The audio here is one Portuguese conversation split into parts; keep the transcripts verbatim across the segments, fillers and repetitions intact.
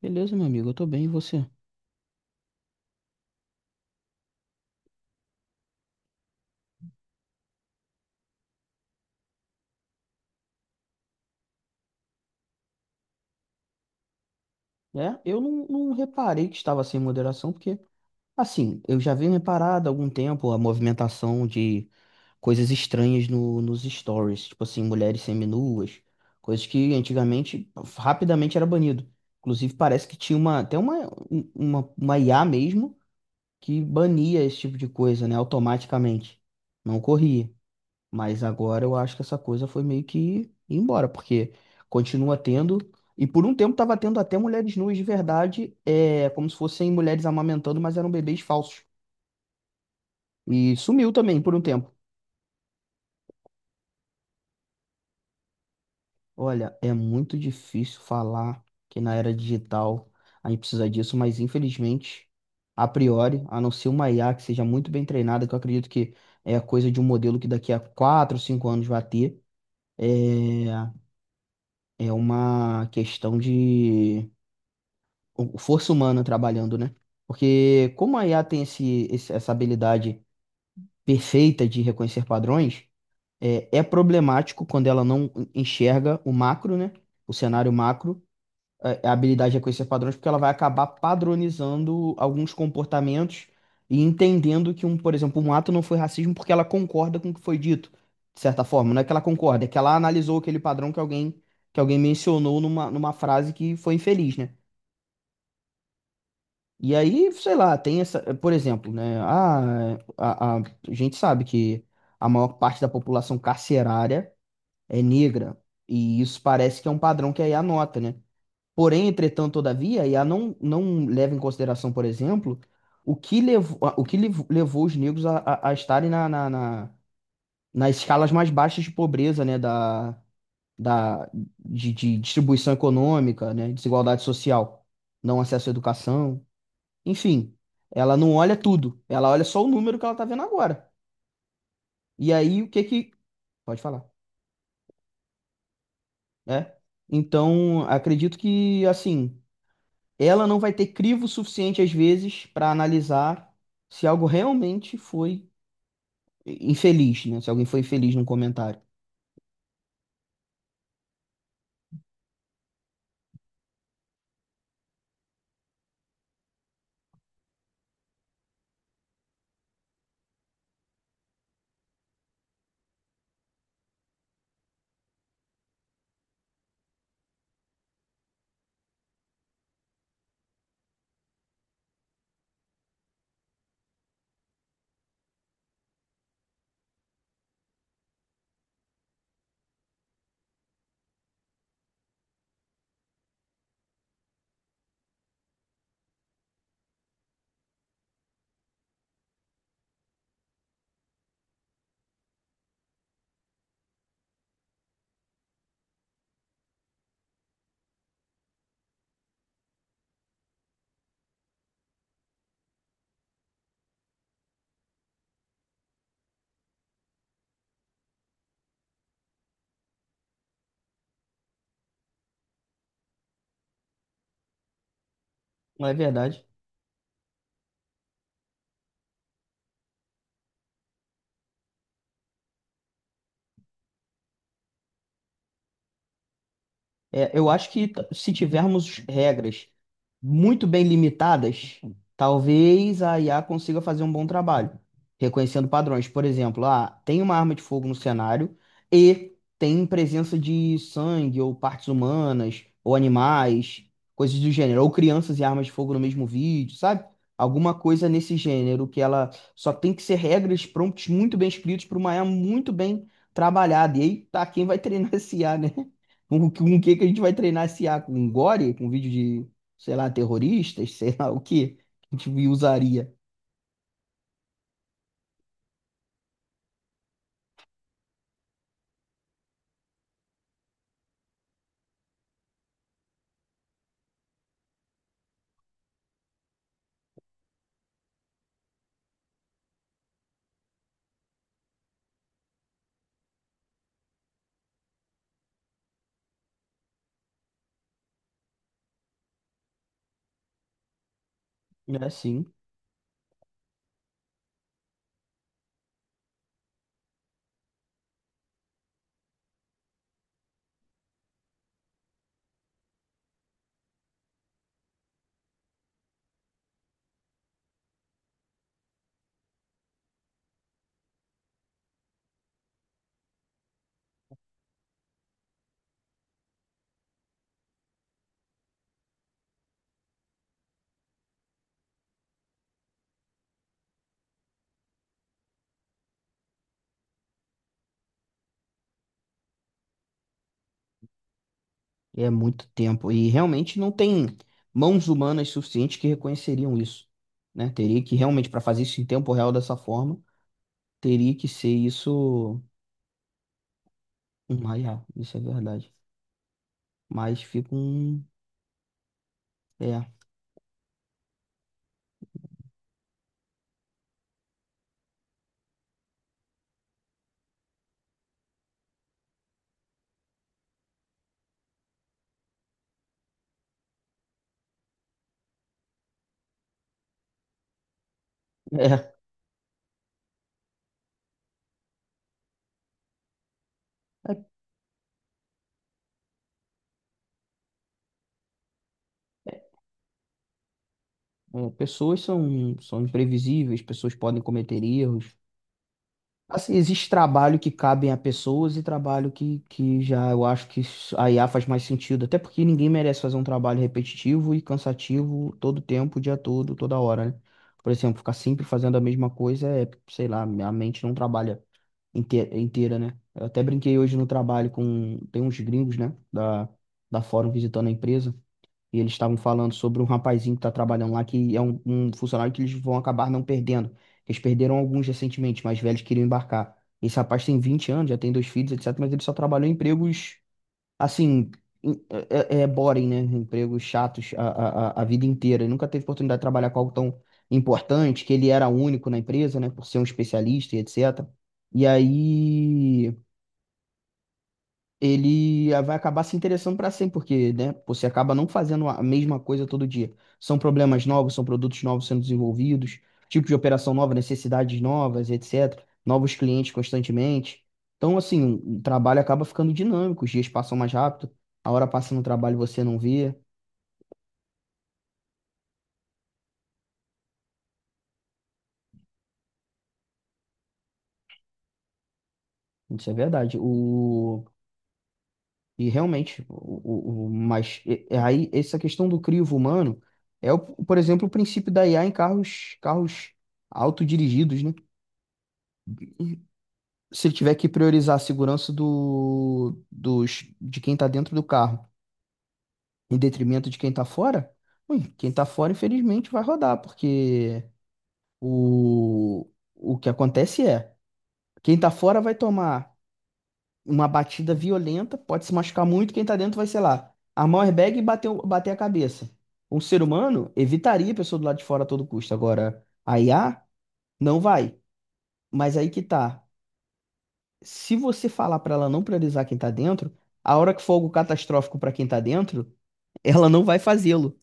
Beleza, meu amigo, eu tô bem, e você? É, eu não, não reparei que estava sem moderação, porque, assim, eu já venho reparado há algum tempo a movimentação de coisas estranhas no, nos stories, tipo assim, mulheres seminuas, coisas que antigamente rapidamente era banido. Inclusive, parece que tinha uma, até uma, um- uma, uma I A mesmo que bania esse tipo de coisa, né, automaticamente. Não ocorria. Mas agora eu acho que essa coisa foi meio que embora, porque continua tendo. E por um tempo estava tendo até mulheres nuas de verdade, é, como se fossem mulheres amamentando, mas eram bebês falsos. E sumiu também por um tempo. Olha, é muito difícil falar que na era digital a gente precisa disso, mas infelizmente, a priori, a não ser uma I A que seja muito bem treinada, que eu acredito que é coisa de um modelo que daqui a quatro cinco anos vai ter, é, é uma questão de o- força humana trabalhando, né? Porque como a I A tem esse, esse- essa habilidade perfeita de reconhecer padrões, é, é problemático quando ela não enxerga o macro, né? O cenário macro, a, a habilidade de reconhecer padrões, porque ela vai acabar padronizando alguns comportamentos e entendendo que um, por exemplo, um ato não foi racismo porque ela concorda com o que foi dito, de certa forma. Não é que ela concorda, é que ela analisou aquele padrão que alguém que alguém mencionou numa, numa frase que foi infeliz, né? E aí, sei lá, tem essa, por exemplo, né? A, a, a gente sabe que a maior parte da população carcerária é negra, e isso parece que é um padrão que a I A nota, né? Porém, entretanto, todavia, a I A não, não leva em consideração, por exemplo, o que levou, o que lev- levou os negros a, a, a estarem na, na, na- nas escalas mais baixas de pobreza, né? Da, da, de, de distribuição econômica, né? Desigualdade social, não acesso à educação. Enfim, ela não olha tudo, ela olha só o número que ela tá vendo agora. E aí o que que. Pode falar. É. Então, acredito que, assim, ela não vai ter crivo suficiente às vezes para analisar se algo realmente foi infeliz, né? Se alguém foi infeliz num comentário. Não é verdade? É, eu acho que t- se tivermos regras muito bem limitadas, talvez a I A consiga fazer um bom trabalho, reconhecendo padrões. Por exemplo, ah, tem uma arma de fogo no cenário e tem presença de sangue ou partes humanas ou animais, coisas do gênero, ou crianças e armas de fogo no mesmo vídeo, sabe? Alguma coisa nesse gênero que ela só tem que ser regras, prompts muito bem escritos para uma I A muito bem trabalhada. E aí tá quem vai treinar esse I A, né? Com, com o que que a gente vai treinar esse a Com gore? Com vídeo de, sei lá, terroristas? Sei lá o que a gente usaria. É assim, é muito tempo. E realmente não tem mãos humanas suficientes que reconheceriam isso, né? Teria que realmente, para fazer isso em tempo real dessa forma, teria que ser isso uma I A, isso é verdade. Mas fica um... É, é. É, é, pessoas são, são imprevisíveis, pessoas podem cometer erros. Assim, existe trabalho que cabem a pessoas e trabalho que, que já eu acho que a I A faz mais sentido. Até porque ninguém merece fazer um trabalho repetitivo e cansativo todo tempo, o dia todo, toda hora, né? Por exemplo, ficar sempre fazendo a mesma coisa é, sei lá, a mente não trabalha inte- inteira, né? Eu até brinquei hoje no trabalho com, tem uns gringos, né, da, da Fórum visitando a empresa. E eles estavam falando sobre um rapazinho que está trabalhando lá, que é um, um funcionário que eles vão acabar não perdendo. Eles perderam alguns recentemente, mas velhos queriam embarcar. Esse rapaz tem vinte anos, já tem dois filhos, etcétera. Mas ele só trabalhou em empregos, assim, em- é, é é boring, né? Empregos chatos a, a, a a vida inteira. Ele nunca teve oportunidade de trabalhar com algo tão importante, que ele era único na empresa, né? Por ser um especialista e etcétera. E aí ele vai acabar se interessando para sempre, porque, né, você acaba não fazendo a mesma coisa todo dia. São problemas novos, são produtos novos sendo desenvolvidos, tipo de operação nova, necessidades novas, etcétera. Novos clientes constantemente. Então, assim, o trabalho acaba ficando dinâmico, os dias passam mais rápido, a hora passa no trabalho e você não vê. Isso é verdade. O... E realmente, o, o, o- mas e- e aí essa questão do crivo humano é, o- por exemplo, o princípio da I A em carros, carros autodirigidos, né? Se ele tiver que priorizar a segurança do, dos, de quem está dentro do carro em detrimento de quem está fora, ui, quem está fora, infelizmente, vai rodar, porque o, o que acontece é, quem está fora vai tomar uma batida violenta, pode se machucar muito, quem está dentro vai, sei lá, armar o airbag e bater, o- bater a cabeça. Um ser humano evitaria a pessoa do lado de fora a todo custo. Agora, a I A não vai. Mas aí que tá. Se você falar para ela não priorizar quem tá dentro, a hora que for algo catastrófico para quem tá dentro, ela não vai fazê-lo,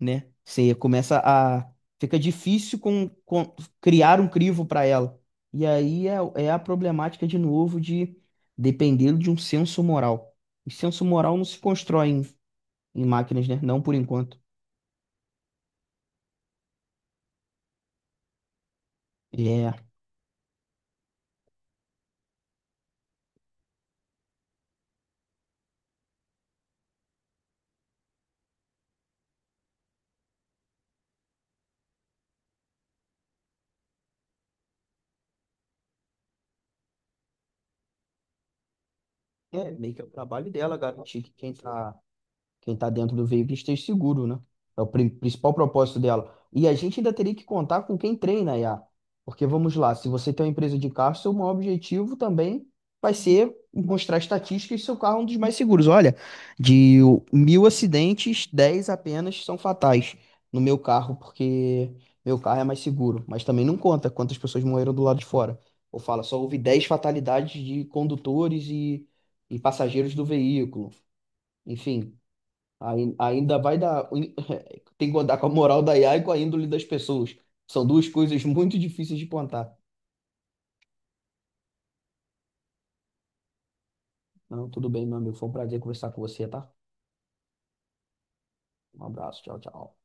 né? Você começa a. Fica difícil com, com- criar um crivo para ela. E aí é, é a problemática de novo de depender de um senso moral. O senso moral não se constrói em, em máquinas, né? Não por enquanto. É, é meio que é o trabalho dela garantir que quem tá Quem está dentro do veículo esteja seguro, né? É o pri- principal propósito dela. E a gente ainda teria que contar com quem treina a I A. Porque vamos lá, se você tem uma empresa de carro, seu maior objetivo também vai ser mostrar estatísticas que seu carro é um dos mais seguros. Olha, de o- mil acidentes, dez apenas são fatais no meu carro, porque meu carro é mais seguro. Mas também não conta quantas pessoas morreram do lado de fora. Ou fala, só houve dez fatalidades de condutores e, e passageiros do veículo. Enfim, Ai- ainda vai dar. Tem que andar com a moral da I A e com a índole das pessoas. São duas coisas muito difíceis de plantar. Não, tudo bem, meu amigo. Foi um prazer conversar com você, tá? Um abraço. Tchau, tchau.